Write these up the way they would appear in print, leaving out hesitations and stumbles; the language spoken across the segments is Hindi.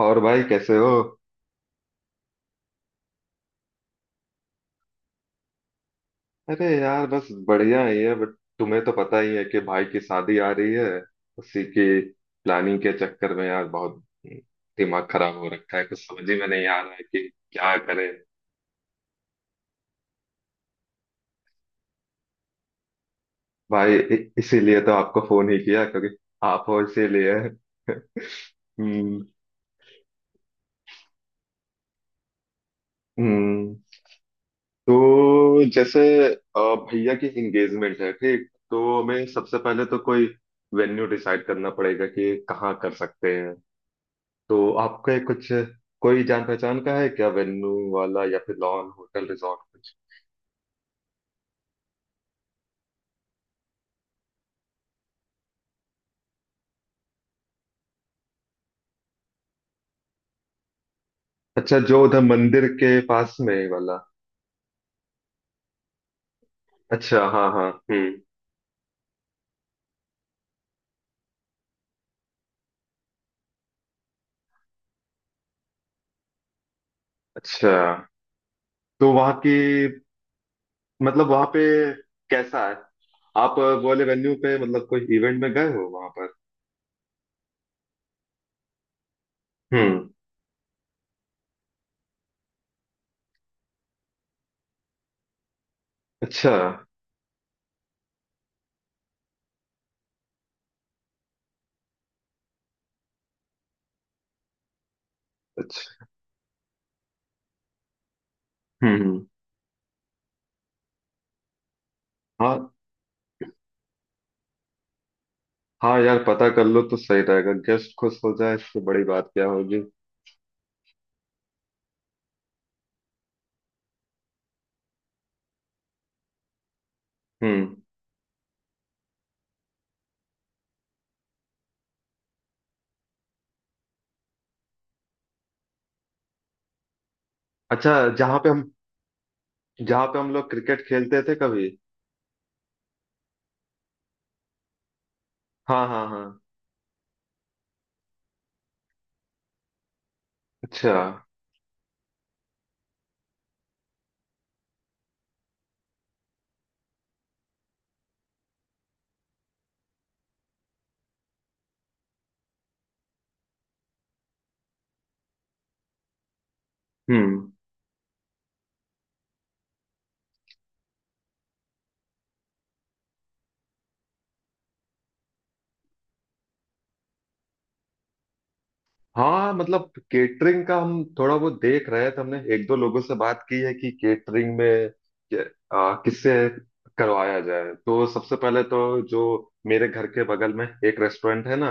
और भाई कैसे हो? अरे यार, बस बढ़िया ही है। बट तुम्हें तो पता ही है कि भाई की शादी आ रही है। उसी की प्लानिंग के चक्कर में यार, बहुत दिमाग खराब हो रखा है। कुछ समझ ही में नहीं आ रहा है कि क्या करें। भाई, इसीलिए तो आपको फोन ही किया क्योंकि आप हो, इसीलिए। हम्म, हम्म। तो जैसे, भैया की एंगेजमेंट है। ठीक, तो हमें सबसे पहले तो कोई वेन्यू डिसाइड करना पड़ेगा कि कहाँ कर सकते हैं। तो आपके कुछ कोई जान पहचान का है क्या? वेन्यू वाला, या फिर लॉन, होटल, रिजॉर्ट कुछ? अच्छा, जो उधर मंदिर के पास में वाला? अच्छा। हाँ, हाँ। हम्म। अच्छा, तो वहाँ की, मतलब वहाँ पे कैसा है? आप बोले वेन्यू पे, मतलब कोई इवेंट में गए हो वहाँ पर? हम्म। अच्छा, अच्छा। हम्म, हम्म। हाँ, हाँ यार, पता कर लो तो सही रहेगा। गेस्ट खुश हो जाए, इससे बड़ी बात क्या होगी। हम्म। अच्छा, जहाँ पे हम जहाँ पे हम लोग क्रिकेट खेलते थे कभी? हाँ, हाँ, हाँ। अच्छा। हम्म। हाँ, मतलब केटरिंग का हम थोड़ा वो देख रहे थे। हमने एक दो लोगों से बात की है कि केटरिंग में के- किससे करवाया जाए। तो सबसे पहले तो जो मेरे घर के बगल में एक रेस्टोरेंट है ना,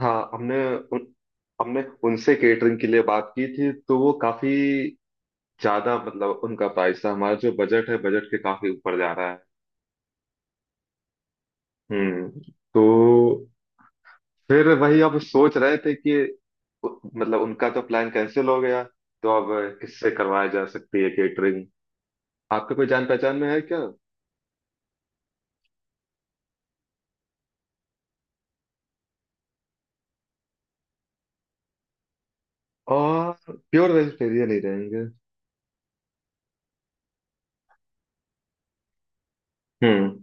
हाँ, हमने उनसे केटरिंग के लिए बात की थी। तो वो काफी ज्यादा, मतलब उनका प्राइस था, हमारा जो बजट है, बजट के काफी ऊपर जा रहा है। हम्म। तो फिर वही अब सोच रहे थे कि मतलब उनका तो प्लान कैंसिल हो गया। तो अब किससे करवाया जा सकती है केटरिंग? आपके कोई जान पहचान में है क्या? और प्योर वेजिटेरियन ही रहेंगे। हम्म।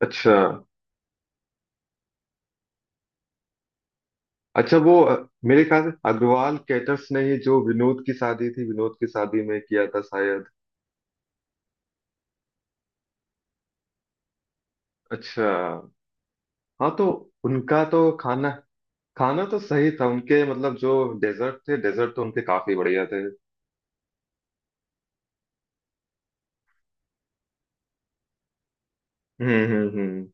अच्छा, अच्छा, वो मेरे ख्याल से अग्रवाल कैटर्स ने ही जो विनोद की शादी थी, विनोद की शादी में किया था शायद। अच्छा। हाँ, तो उनका तो खाना खाना तो सही था। उनके, मतलब जो डेजर्ट थे, डेजर्ट तो उनके काफी बढ़िया थे। हम्म, हम्म, हम्म।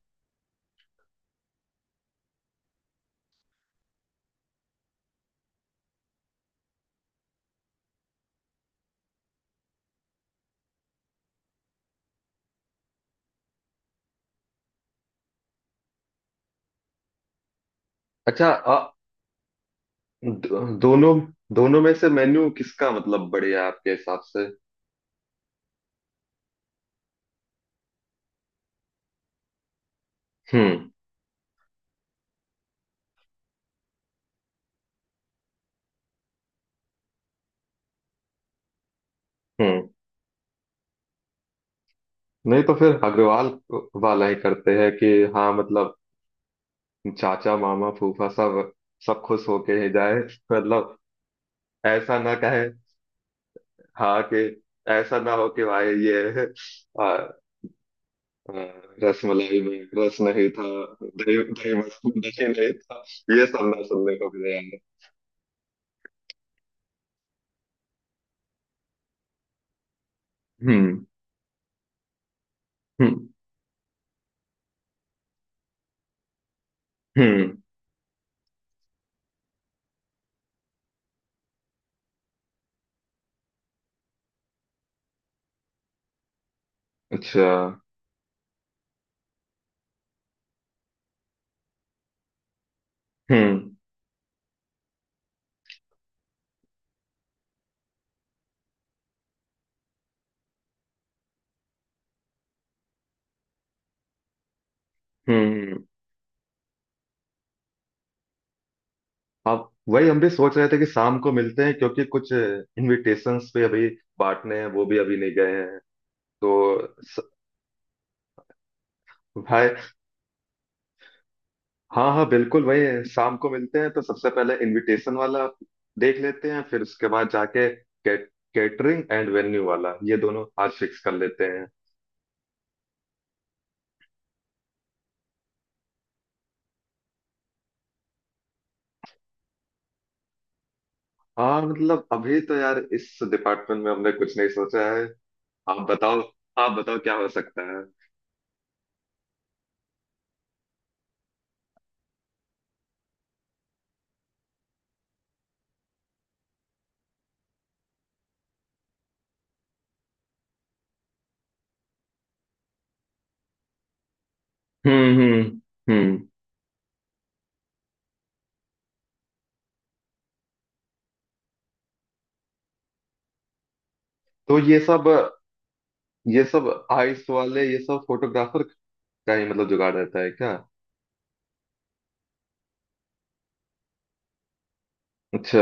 अच्छा, दोनों दोनों में से मेन्यू किसका, मतलब बढ़िया है आपके हिसाब से? हम्म, हम्म। नहीं, तो फिर अग्रवाल वाला ही करते हैं कि, हाँ, मतलब चाचा, मामा, फूफा, सब सब खुश होके ही जाए। मतलब ऐसा ना कहे। हाँ, कि ऐसा ना हो कि भाई, ये आ, आ, रसमलाई में रस नहीं था। दही दही मस- दही नहीं था। ये सब ना सुनने को मिले यार। हम्म, हम्म, हम्म। अच्छा। हम्म, हम्म। आप वही, हम भी सोच रहे थे कि शाम को मिलते हैं क्योंकि कुछ इनविटेशंस पे अभी बांटने हैं, वो भी अभी नहीं गए हैं। तो स, भाई, हाँ, हाँ, बिल्कुल वही है, शाम को मिलते हैं। तो सबसे पहले इनविटेशन वाला देख लेते हैं, फिर उसके बाद जाके कैटरिंग एंड वेन्यू वाला, ये दोनों आज फिक्स कर लेते हैं। हाँ, मतलब अभी तो यार इस डिपार्टमेंट में हमने कुछ नहीं सोचा है। आप बताओ। आप बताओ क्या हो सकता है। हम्म, हम्म, हम्म। तो ये सब आइस वाले, ये सब फोटोग्राफर का ही मतलब जुगाड़ रहता है क्या? अच्छा।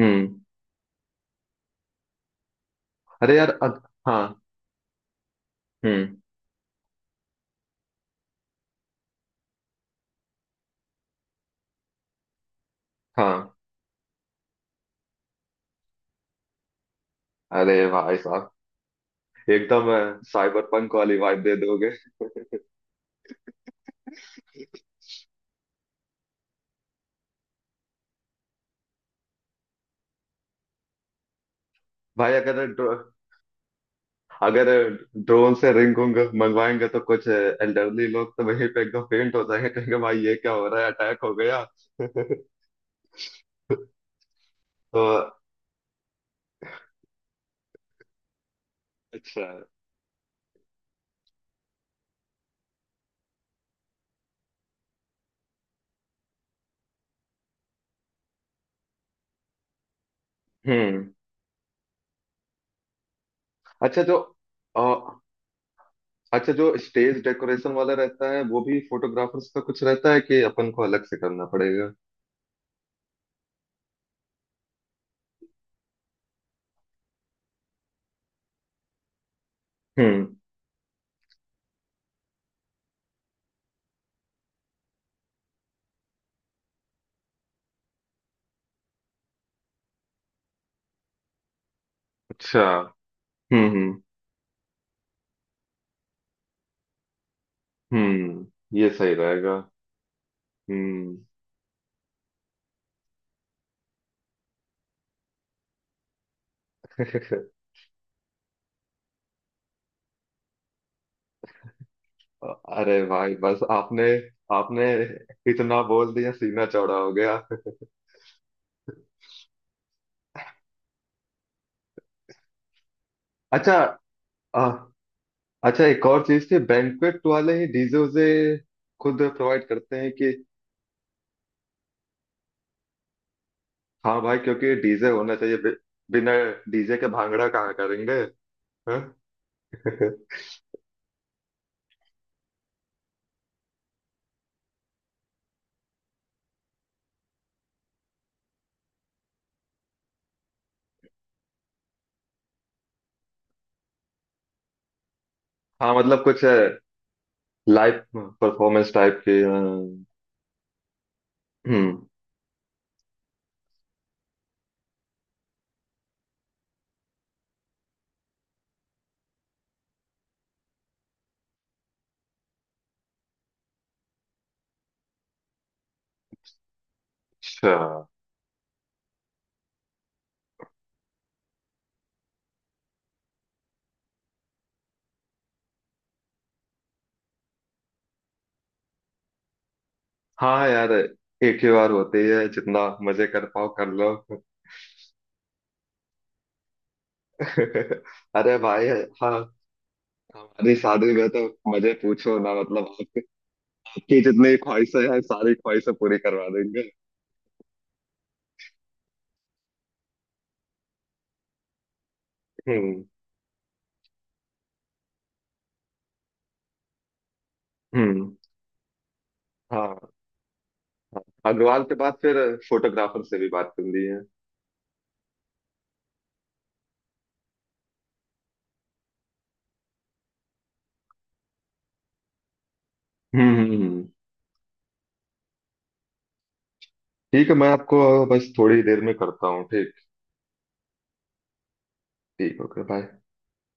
हम्म। अरे यार, हाँ, हम्म, हाँ। अरे भाई साहब, एकदम साइबर पंक वाली वाइब दे दोगे। भाई, अगर ड्रोन से रिंग उंग मंगवाएंगे तो कुछ एल्डरली लोग तो वहीं पे एकदम फेंट हो जाएंगे, कहेंगे भाई ये क्या हो रहा है, अटैक हो गया। तो, अच्छा। हम्म। अच्छा जो अच्छा, जो स्टेज डेकोरेशन वाला रहता है, वो भी फोटोग्राफर्स का कुछ रहता है, कि अपन को अलग से करना पड़ेगा? हम्म। अच्छा। हम्म, हम्म, हम्म। ये सही रहेगा। हम्म। अरे भाई, बस आपने आपने इतना बोल दिया, सीना चौड़ा हो गया। अच्छा। आ, अच्छा, एक और चीज थी, बैंक्वेट वाले ही डीजे उसे खुद प्रोवाइड करते हैं कि? हाँ भाई, क्योंकि डीजे होना चाहिए। बिना डीजे के भांगड़ा कहाँ करेंगे। हाँ। हाँ, मतलब कुछ लाइव परफॉर्मेंस टाइप के। हम्म। अच्छा। हाँ यार, एक ही बार होती है, जितना मजे कर पाओ कर लो। अरे भाई। हाँ, हमारी शादी में तो मजे पूछो ना, मतलब आपकी आपकी जितनी ख्वाहिशें हैं, सारी ख्वाहिशें पूरी करवा देंगे। हम्म, हम्म। हाँ, हाँ, अग्रवाल के बाद फिर फोटोग्राफर से भी बात करनी है। हम्म, ठीक है, मैं आपको बस थोड़ी देर में करता हूँ। ठीक। ठीक। Okay, bye.